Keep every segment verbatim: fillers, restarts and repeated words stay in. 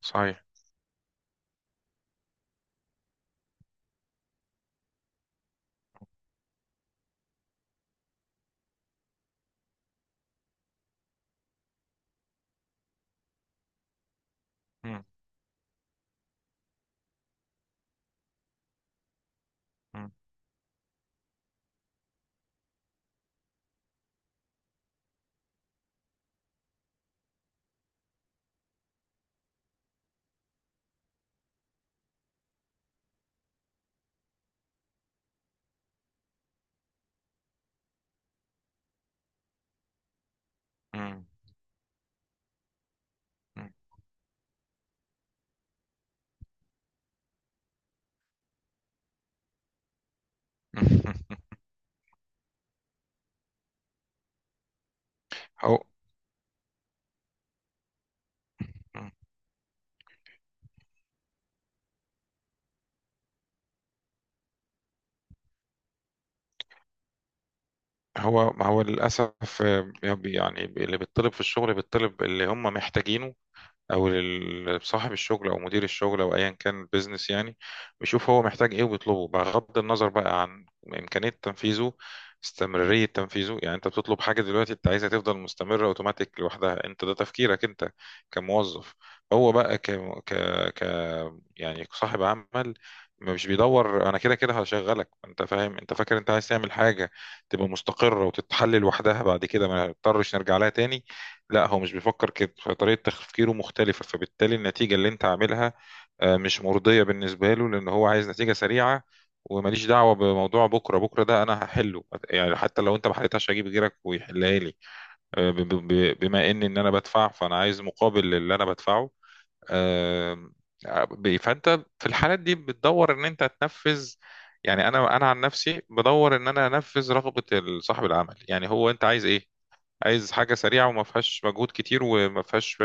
صحيح. مم. مم. مم. مم. هو هو ما هو للأسف. آه، يعني بي- اللي بيطلب في الشغل بيطلب اللي هم محتاجينه، او لل- صاحب الشغل او مدير الشغل او ايا كان البيزنس. يعني بيشوف هو محتاج ايه وبيطلبه، بغض النظر بقى عن امكانيه تنفيذه، استمراريه تنفيذه. يعني انت بتطلب حاجه دلوقتي انت عايزها تفضل مستمره اوتوماتيك لوحدها، انت ده تفكيرك انت كموظف. هو بقى ك... ك... ك يعني صاحب عمل مش بيدور. انا كده كده هشغلك انت، فاهم؟ انت فاكر انت عايز تعمل حاجه تبقى مستقره وتتحل لوحدها بعد كده ما نضطرش نرجع لها تاني. لا، هو مش بيفكر كده، فطريقة تفكيره مختلفة، فبالتالي النتيجة اللي انت عاملها آه، مش مرضية بالنسبة له، لأن هو عايز نتيجة سريعة. وماليش دعوة بموضوع بكرة بكرة، ده أنا هحله. يعني حتى لو انت ما حلتهاش هجيب غيرك ويحلها لي. آه، ب- ب- ب- بما إن إن أنا بدفع، فأنا عايز مقابل للي أنا بدفعه. آه، ب- فأنت في الحالات دي بتدور إن أنت تنفذ. يعني أنا أنا عن نفسي بدور إن أنا أنفذ رغبة صاحب العمل. يعني هو أنت عايز إيه؟ عايز حاجة سريعة وما فيهاش مجهود كتير وما فيهاش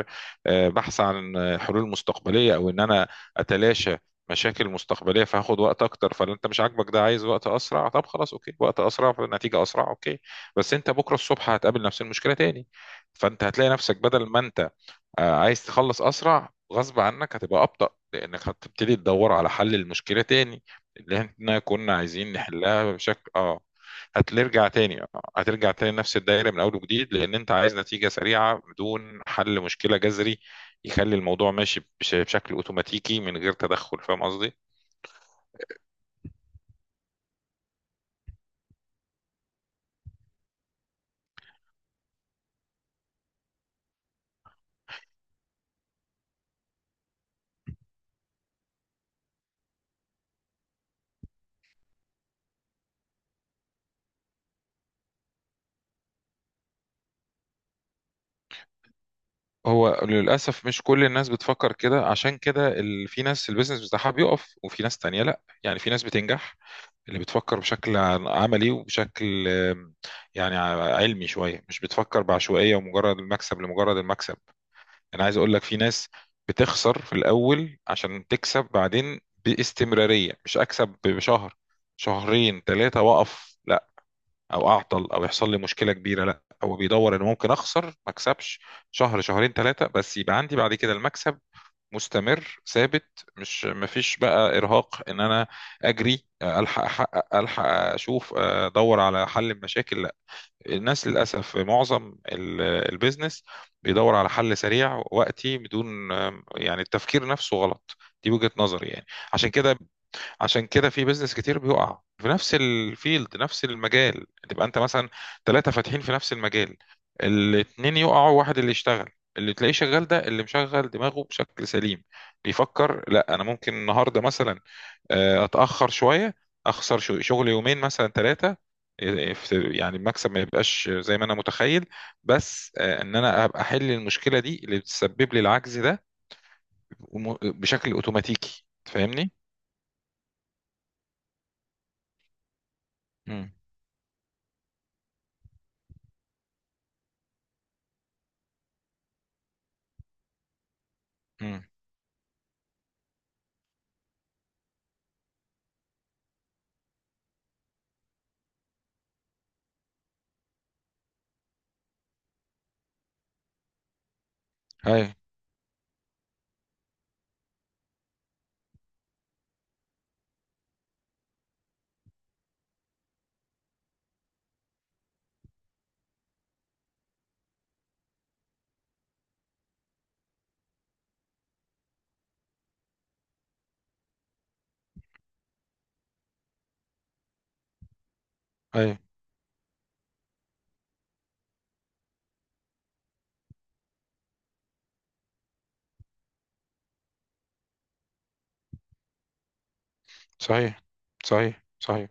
آه، بحث عن آه، حلول مستقبلية، أو إن أنا أتلاشى مشاكل مستقبلية. فهاخد وقت أكتر، فلا أنت مش عاجبك ده، عايز وقت أسرع. طب خلاص، أوكي، وقت أسرع فالنتيجة أسرع، أوكي. بس أنت بكرة الصبح هتقابل نفس المشكلة تاني، فأنت هتلاقي نفسك بدل ما أنت آه، عايز تخلص اسرع، غصب عنك هتبقى ابطأ، لانك هتبتدي تدور على حل المشكله تاني اللي احنا كنا عايزين نحلها بشكل اه هترجع تاني. آه، هترجع تاني نفس الدايره من اول وجديد، لان انت عايز نتيجه سريعه بدون حل مشكله جذري يخلي الموضوع ماشي بش- بشكل اوتوماتيكي من غير تدخل. فاهم قصدي؟ هو للاسف مش كل الناس بتفكر كده، عشان كده ال- في ناس البيزنس بتاعها بيقف، وفي ناس تانية لا، يعني في ناس بتنجح اللي بتفكر بشكل عن- عملي وبشكل آم، يعني ع- علمي شوية، مش بتفكر بعشوائية ومجرد المكسب لمجرد المكسب. أنا عايز أقول لك في ناس بتخسر في الأول عشان تكسب بعدين باستمرارية، مش أكسب بشهر شهرين ثلاثة وأقف، لا. أو أعطل أو يحصل لي مشكلة كبيرة، لا، هو بيدور إنه ممكن أخسر ما أكسبش شهر شهرين ثلاثة بس يبقى عندي بعد كده المكسب مستمر ثابت، مش مفيش بقى ارهاق ان انا اجري الحق احقق الحق اشوف، آه، ادور على حل المشاكل، لا. الناس للاسف في معظم ال- البيزنس بيدور على حل سريع وقتي بدون، يعني التفكير نفسه غلط. دي وجهة نظري يعني. عشان كده عشان كده في بيزنس كتير بيقع في نفس الفيلد، نفس المجال، تبقى انت مثلا ثلاثة فاتحين في نفس المجال، الاتنين يقعوا واحد اللي يشتغل. اللي تلاقيه شغال ده اللي مشغل دماغه بشكل سليم. بيفكر لا انا ممكن النهارده مثلا آه، اتاخر شويه، اخسر شو- شغل يومين مثلا ثلاثه، يعني المكسب ما يبقاش زي ما انا متخيل، بس آه، ان انا ابقى احل المشكله دي اللي بتسبب لي العجز ده وم- بشكل اوتوماتيكي. تفهمني؟ امم. امم. اي، صحيح. صحيح، صحيح.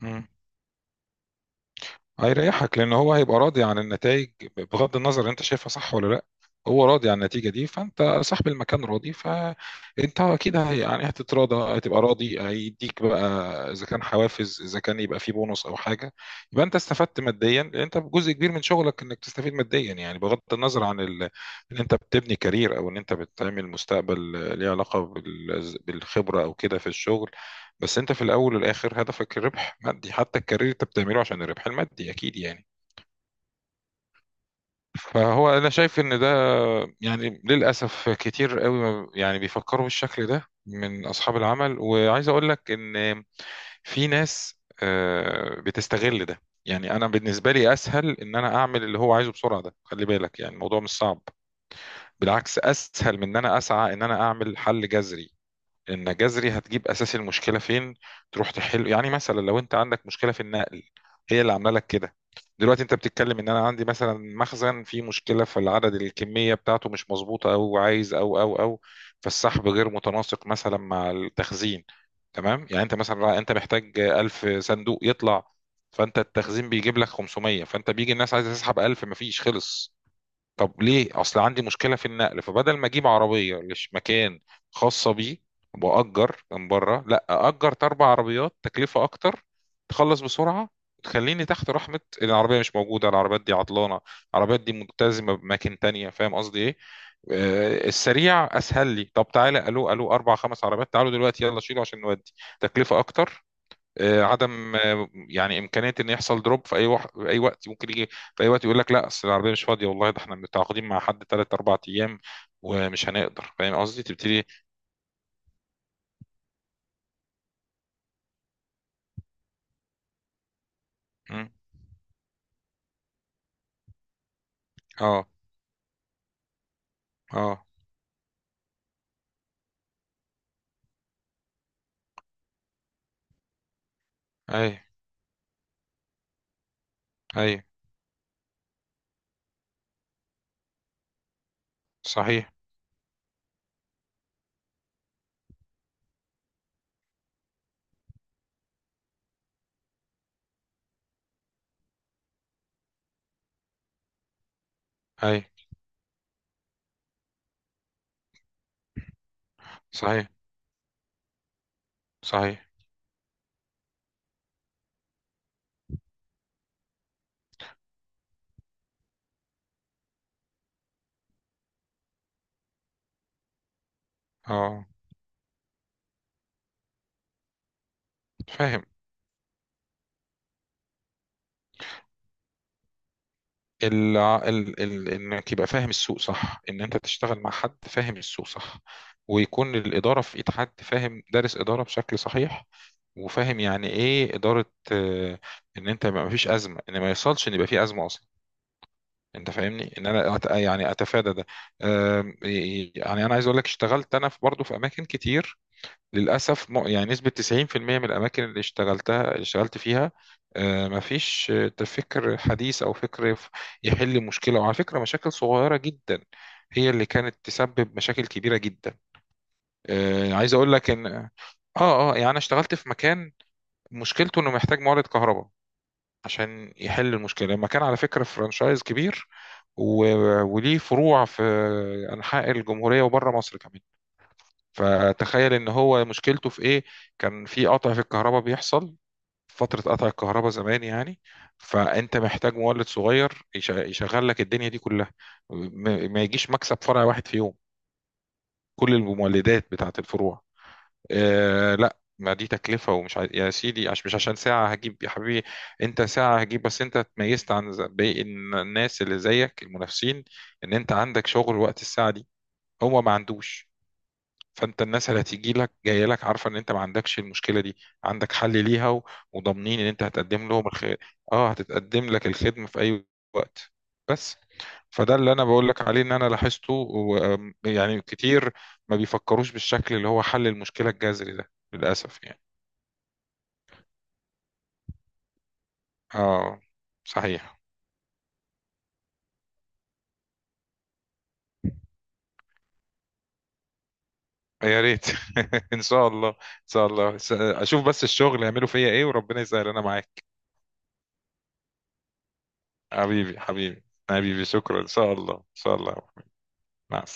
مم. هيريحك لان هو هيبقى راضي عن النتائج، بغض النظر انت شايفها صح ولا لا. هو راضي عن النتيجه دي، فانت صاحب المكان راضي، فانت اكيد هي- يعني هتتراضى، هتبقى راضي، هيديك بقى اذا كان حوافز، اذا كان يبقى في بونص او حاجه، يبقى انت استفدت ماديا. لان انت جزء كبير من شغلك انك تستفيد ماديا، يعني بغض النظر عن ال... ان انت بتبني كارير، او ان انت بتعمل مستقبل ليه علاقه بال... بالخبره او كده في الشغل، بس انت في الاول والاخر هدفك الربح مادي. حتى الكارير انت بتعمله عشان الربح المادي، اكيد يعني. فهو انا شايف ان ده يعني للاسف كتير قوي ما- يعني بيفكروا بالشكل ده من اصحاب العمل. وعايز اقول لك ان في ناس آه، بتستغل ده. يعني انا بالنسبه لي اسهل ان انا اعمل اللي هو عايزه بسرعه، ده خلي بالك يعني الموضوع مش صعب، بالعكس اسهل من ان انا اسعى ان انا اعمل حل جذري. ان جذري هتجيب اساس المشكله فين، تروح تحل. يعني مثلا لو انت عندك مشكله في النقل هي اللي عامله لك كده. دلوقتي انت بتتكلم ان انا عندي مثلا مخزن فيه مشكله في العدد، الكميه بتاعته مش مظبوطه، او عايز او او او فالسحب غير متناسق مثلا مع التخزين. تمام، يعني انت مثلا انت محتاج ألف صندوق يطلع، فانت التخزين بيجيب لك خمسمية، فانت بيجي الناس عايزه تسحب ألف مفيش، خلص. طب ليه؟ اصل عندي مشكله في النقل. فبدل ما اجيب عربيه لش مكان خاصه بيه واجر من بره، لا، اجر اربع عربيات تكلفه اكتر تخلص بسرعه. تخليني تحت رحمه العربيه مش موجوده، العربيات دي عطلانه، العربيات دي ملتزمه بأماكن تانية، فاهم قصدي ايه؟ آه، السريع اسهل لي. طب تعالى، الو الو، اربع خمس عربيات، تعالوا دلوقتي يلا شيلوا عشان نودي، تكلفه اكتر، آه، عدم آه، يعني امكانيه ان يحصل دروب في اي وح... في اي وقت، ممكن يجي في اي وقت يقول لك لا اصل العربيه مش فاضيه، والله ده احنا متعاقدين مع حد ثلاث اربع ايام ومش هنقدر. فاهم قصدي؟ تبتدي. مم. اه. اه، اي. اي، صحيح. اي، صحيح، صحيح. اه، فاهم. الع... ال... ال... انك يبقى فاهم السوق صح، ان انت تشتغل مع حد فاهم السوق صح، ويكون الاداره في ايد حد فاهم، دارس اداره بشكل صحيح، وفاهم يعني ايه اداره. آه، ان انت ما فيش ازمه، ان ما يوصلش ان يبقى في ازمه اصلا. انت فاهمني ان انا أت... يعني اتفادى ده. آم، يعني انا عايز اقول لك اشتغلت انا في برضه في اماكن كتير للأسف، م- يعني نسبة تسعين في المية من الأماكن اللي اشتغلتها اللي اشتغلت فيها آه، مفيش آه، فكر حديث أو فكر ف- يحل مشكلة. وعلى فكرة مشاكل صغيرة جدا هي اللي كانت تسبب مشاكل كبيرة جدا. آه، عايز أقول لك إن آه آه يعني أنا اشتغلت في مكان مشكلته إنه محتاج مورد كهرباء عشان يحل المشكلة. المكان على فكرة فرانشايز كبير و- وليه فروع في أنحاء الجمهورية وبره مصر كمان. فتخيل ان هو مشكلته في ايه. كان في قطع في الكهرباء بيحصل فترة قطع الكهرباء زمان يعني، فانت محتاج مولد صغير يش- يشغل لك الدنيا دي كلها. م- ما يجيش مكسب فرع واحد في يوم كل المولدات بتاعت الفروع. آه لا، ما دي تكلفة، ومش ع... يا سيدي، عش مش عشان ساعة هجيب يا حبيبي. انت ساعة هجيب، بس انت اتميزت عن ز- باقي الناس اللي زيك المنافسين، ان انت عندك شغل وقت الساعة دي هو ما عندوش. فانت الناس اللي هتيجي لك جايه لك عارفه ان انت ما عندكش المشكله دي، عندك حل ليها و- وضامنين ان انت هتقدم لهم الخ... اه، هتتقدم لك الخدمه في اي وقت بس. فده اللي انا بقول لك عليه، ان انا لاحظته و... آم، يعني كتير ما بيفكروش بالشكل اللي هو حل المشكله الجذري ده للاسف يعني. اه. صحيح. يا ريت. ان شاء الله، ان شاء الله، س- اشوف بس الشغل يعملوا فيا ايه، وربنا يسهل. انا معاك. حبيبي، حبيبي. حبيبي، شكرا. ان شاء الله، ان شاء الله. مع السلامه.